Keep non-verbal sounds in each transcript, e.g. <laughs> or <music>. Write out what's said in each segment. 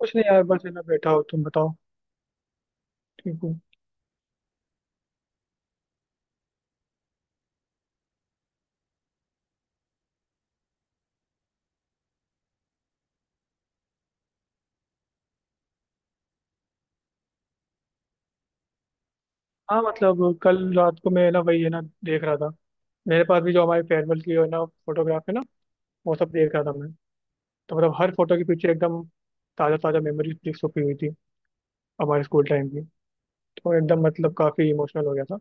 कुछ नहीं यार, बस है ना बैठा हो। तुम बताओ ठीक हो। हाँ मतलब कल रात को मैं है ना वही है ना देख रहा था। मेरे पास भी जो हमारे फेयरवेल की है ना फोटोग्राफ है ना वो सब देख रहा था मैं। तो मतलब हर फोटो के पीछे एकदम ताज़ा ताज़ा मेमोरीज छुपी हुई थी हमारे स्कूल टाइम की। तो एकदम मतलब काफ़ी इमोशनल हो गया था।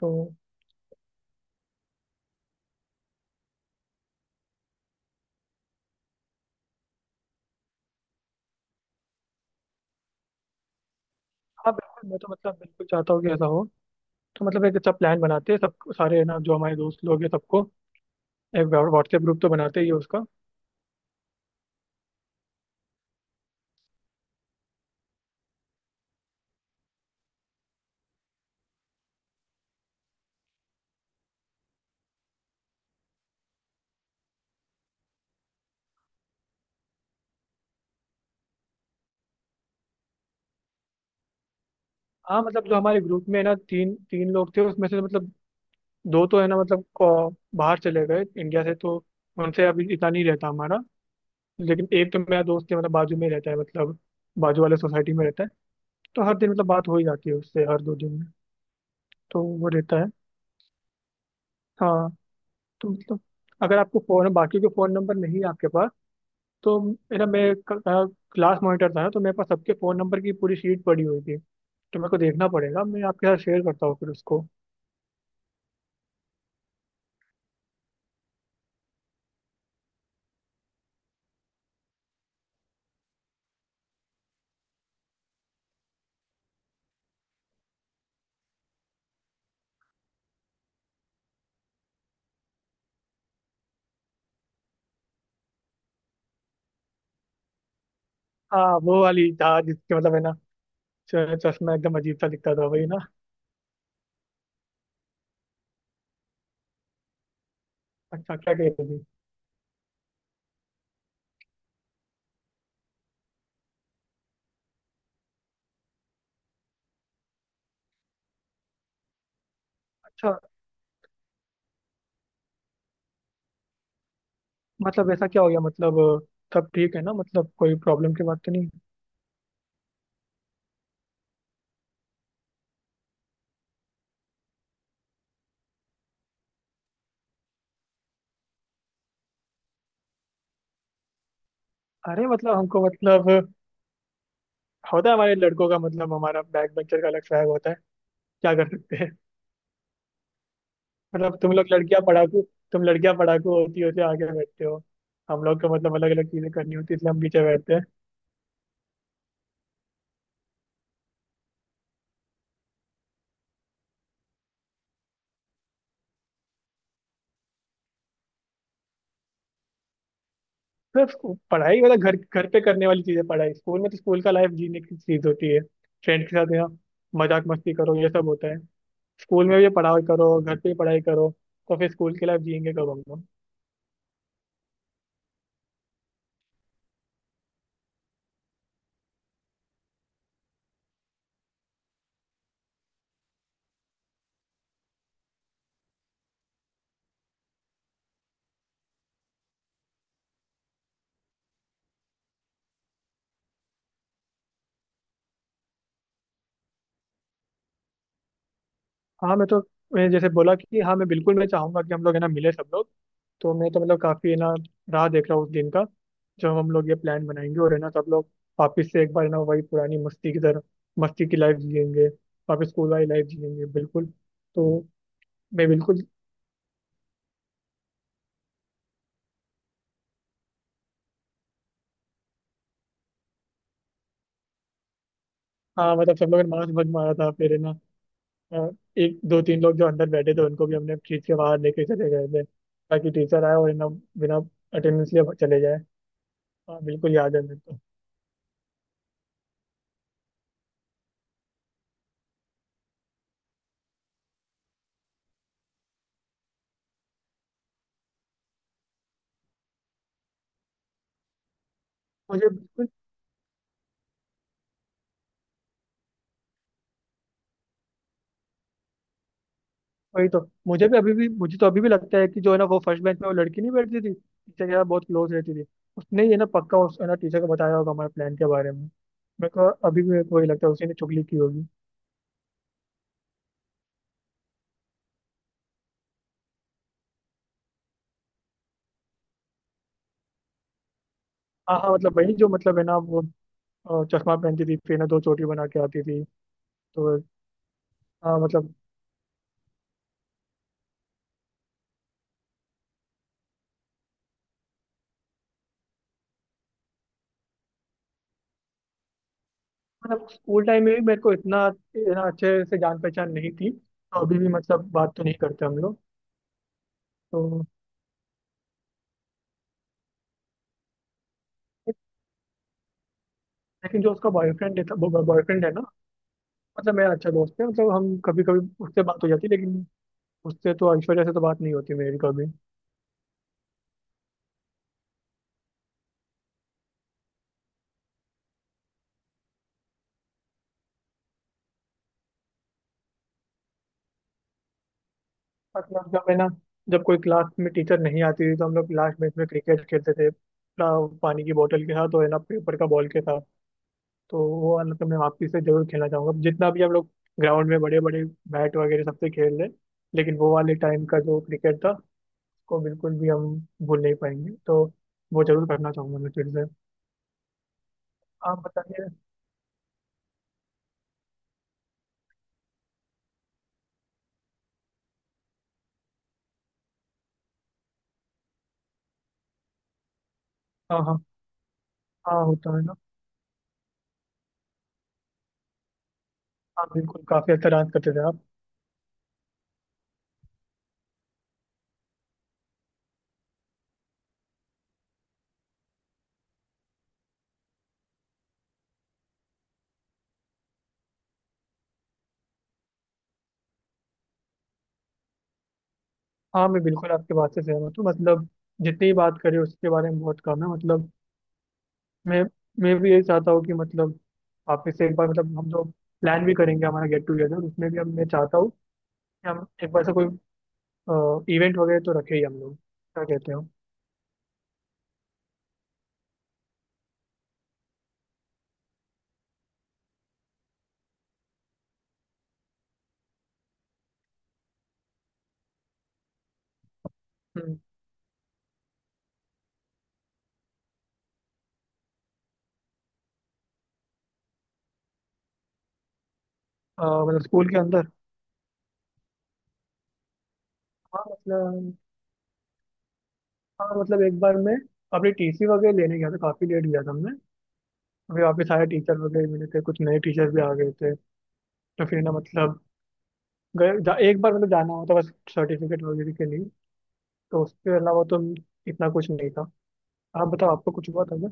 तो हाँ बिल्कुल, मैं तो मतलब बिल्कुल चाहता हूँ कि ऐसा हो। तो मतलब एक अच्छा प्लान बनाते हैं सब सारे, है ना, जो हमारे दोस्त लोग हैं सबको। एक व्हाट्सएप ग्रुप तो बनाते ही है उसका। हाँ मतलब जो हमारे ग्रुप में है ना तीन तीन लोग थे, उसमें से मतलब दो तो है ना मतलब बाहर चले गए इंडिया से। तो उनसे अभी इतना नहीं रहता हमारा। लेकिन एक तो मेरा दोस्त है मतलब बाजू में ही रहता है, मतलब बाजू वाले सोसाइटी में रहता है। तो हर दिन मतलब बात हो ही जाती है उससे, हर 2 दिन में। तो वो रहता है। हाँ। तो मतलब अगर आपको फोन बाकी के फोन नंबर नहीं है आपके पास तो, मेरा, मैं क्लास मॉनिटर था ना तो मेरे पास सबके फोन नंबर की पूरी शीट पड़ी हुई थी। तो मेरे को देखना पड़ेगा, मैं आपके साथ शेयर करता हूँ फिर उसको। हाँ वो वाली था जिसके मतलब है ना चश्मा एकदम अजीब सा दिखता था, वही ना। अच्छा क्या कहते थे। अच्छा मतलब ऐसा क्या हो गया मतलब, सब ठीक है ना मतलब, कोई प्रॉब्लम की बात तो नहीं। अरे मतलब हमको मतलब होता है हमारे लड़कों का मतलब, हमारा बैक बेंचर का अलग स्वैग होता है, क्या कर सकते हैं। <laughs> मतलब तुम लोग लड़कियां पढ़ाकू, तुम लड़कियां पढ़ाकू होती होती आगे बैठते हो। हम लोग को मतलब अलग अलग चीजें करनी होती है इसलिए हम पीछे बैठते हैं। सिर्फ पढ़ाई मतलब घर घर पे करने वाली चीजें, पढ़ाई स्कूल में तो स्कूल का लाइफ जीने की चीज होती है। फ्रेंड के साथ यहाँ मजाक मस्ती करो ये सब होता है। स्कूल में भी पढ़ाई करो, घर पे भी पढ़ाई करो, तो फिर स्कूल की लाइफ जियेंगे कब हम लोग। हाँ मैं तो, मैं जैसे बोला कि हाँ मैं बिल्कुल मैं चाहूंगा कि हम लोग है ना मिले सब लोग। तो मैं तो मतलब काफी है ना राह देख रहा हूँ उस दिन का, जब हम लोग ये प्लान बनाएंगे और है ना सब लोग वापिस से एक बार है ना वही पुरानी मस्ती की तरह मस्ती की लाइफ जिएंगे, वापस स्कूल वाली लाइफ जिएंगे, बिल्कुल। तो मैं बिल्कुल। हाँ मतलब सब लोगों ने मांस भंग मारा था फिर है ना, अ, एक दो तीन लोग जो अंदर बैठे थे उनको भी हमने खींच के बाहर लेके चले गए थे, ताकि टीचर आए और है ना बिना अटेंडेंस लिए चले जाए। हाँ बिल्कुल याद है मेरे को। मुझे वही तो, मुझे भी अभी भी, मुझे तो अभी भी लगता है कि जो है ना वो फर्स्ट बेंच में वो लड़की नहीं बैठती थी टीचर के साथ बहुत क्लोज रहती थी, उसने ये ना पक्का उस है ना टीचर को बताया होगा हमारे प्लान के बारे में। मेरे को अभी भी, मेरे को वही लगता है उसी ने चुगली की होगी। हाँ हाँ मतलब वही जो मतलब है ना वो चश्मा पहनती थी, फिर ना दो चोटी बना के आती थी। तो, हाँ मतलब। मतलब स्कूल टाइम में भी मेरे को इतना है ना अच्छे से जान पहचान नहीं थी, तो अभी भी मतलब बात तो नहीं करते हम लोग। तो लेकिन जो उसका बॉयफ्रेंड है वो बॉयफ्रेंड है ना, मतलब मेरा अच्छा दोस्त है मतलब, हम कभी कभी उससे बात हो जाती है, लेकिन उससे तो, ऐश्वर्या से तो बात नहीं होती मेरी कभी। मतलब जब है ना जब कोई क्लास में टीचर नहीं आती थी तो हम लोग लास्ट मैच में क्रिकेट खेलते थे अपना, पानी की बोतल के साथ और है ना पेपर का बॉल के साथ। तो वो वाला तो मैं वापसी से जरूर खेलना चाहूंगा, जितना भी हम लोग ग्राउंड में बड़े बड़े बैट वगैरह सबसे खेल रहे, लेकिन वो वाले टाइम का जो क्रिकेट था उसको बिल्कुल भी हम भूल नहीं पाएंगे। तो वो जरूर करना चाहूंगा मैं फिर से। आप बताइए। हाँ हाँ हाँ। होता है ना। हाँ बिल्कुल, काफी अच्छा डांस करते थे आप। हाँ मैं बिल्कुल आपके बात से सहमत हूँ मतलब, जितनी ही बात करें उसके बारे में बहुत कम है मतलब। मैं मैं भी यही चाहता हूँ कि मतलब वापस से एक बार मतलब हम लोग प्लान भी करेंगे हमारा गेट टुगेदर, उसमें भी हम, मैं चाहता हूँ कि हम एक बार से कोई इवेंट वगैरह तो रखे ही हम लोग, क्या कहते हो। हम्म, मतलब स्कूल के अंदर। हाँ मतलब। हाँ मतलब एक बार मैं अपनी टीसी वगैरह लेने गया था, काफी लेट गया था मैं। अभी वापस आया टीचर वगैरह मिले थे, कुछ नए टीचर भी आ गए थे। तो फिर ना मतलब एक बार मतलब जाना हुआ था बस सर्टिफिकेट वगैरह के लिए। तो उसके अलावा तो इतना कुछ नहीं था। आप बताओ आपको कुछ हुआ था क्या।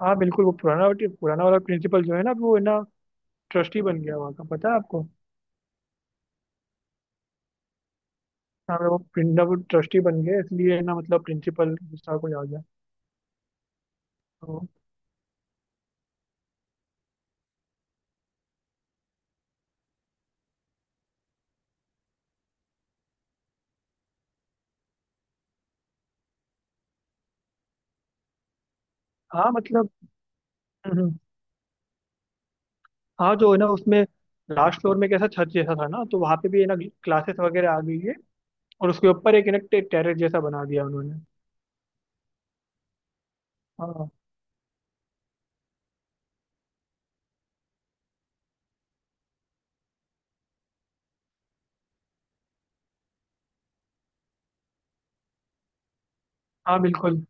हाँ बिल्कुल वो पुराना, पुराना वाला प्रिंसिपल जो है ना, वो है ना ट्रस्टी बन गया वहाँ का, पता है आपको। हाँ वो प्रिंसिपल वो ट्रस्टी बन गया इसलिए है ना मतलब प्रिंसिपल गुस्सा को आ गया। तो हाँ मतलब। हम्म, हाँ जो है ना उसमें लास्ट फ्लोर में कैसा छत जैसा था ना, तो वहाँ पे भी है ना क्लासेस वगैरह आ गई है। और उसके ऊपर एक है ना टेरेस जैसा बना दिया उन्होंने। हाँ। हाँ बिल्कुल।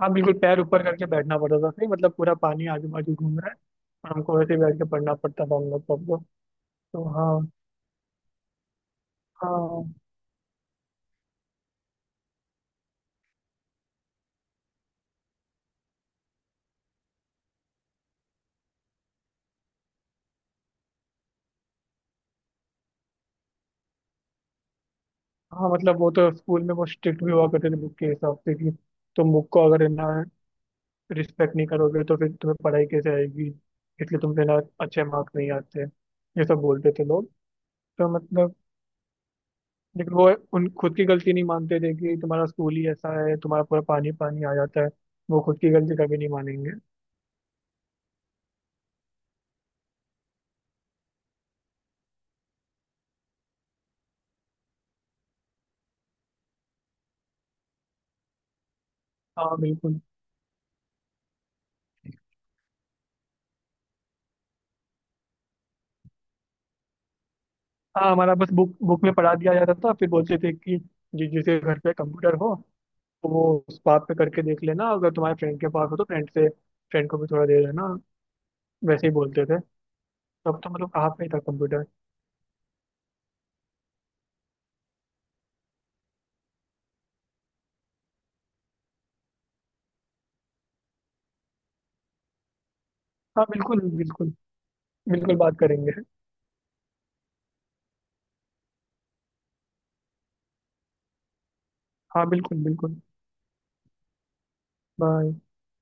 हाँ बिल्कुल पैर ऊपर करके बैठना पड़ता था फिर मतलब, पूरा पानी आजू बाजू घूम रहा है और हमको वैसे ही बैठ के पढ़ना पड़ता था हम लोग सबको। तो हाँ। हाँ। हाँ मतलब वो तो स्कूल में वो स्ट्रिक्ट भी हुआ करते थे बुक के हिसाब से कि, तुम बुक को अगर है ना रिस्पेक्ट नहीं करोगे तो फिर तुम्हें पढ़ाई कैसे आएगी, इसलिए तुमसे ना अच्छे मार्क्स नहीं आते, ये सब बोलते थे लोग। तो मतलब, लेकिन वो उन खुद की गलती नहीं मानते थे कि तुम्हारा स्कूल ही ऐसा है, तुम्हारा पूरा पानी पानी आ जाता है, वो खुद की गलती कभी नहीं मानेंगे। हाँ बिल्कुल। हाँ हमारा बस बुक बुक में पढ़ा दिया जाता था, फिर बोलते थे कि जिस जिसके घर पे कंप्यूटर हो तो वो, उस बात पे करके देख लेना, अगर तुम्हारे फ्रेंड के पास हो तो फ्रेंड से फ्रेंड को भी थोड़ा दे देना, वैसे ही बोलते थे। तब तो मतलब कहाँ पे था कंप्यूटर। हाँ बिल्कुल बिल्कुल, बिल्कुल बात करेंगे। हाँ बिल्कुल बिल्कुल। बाय।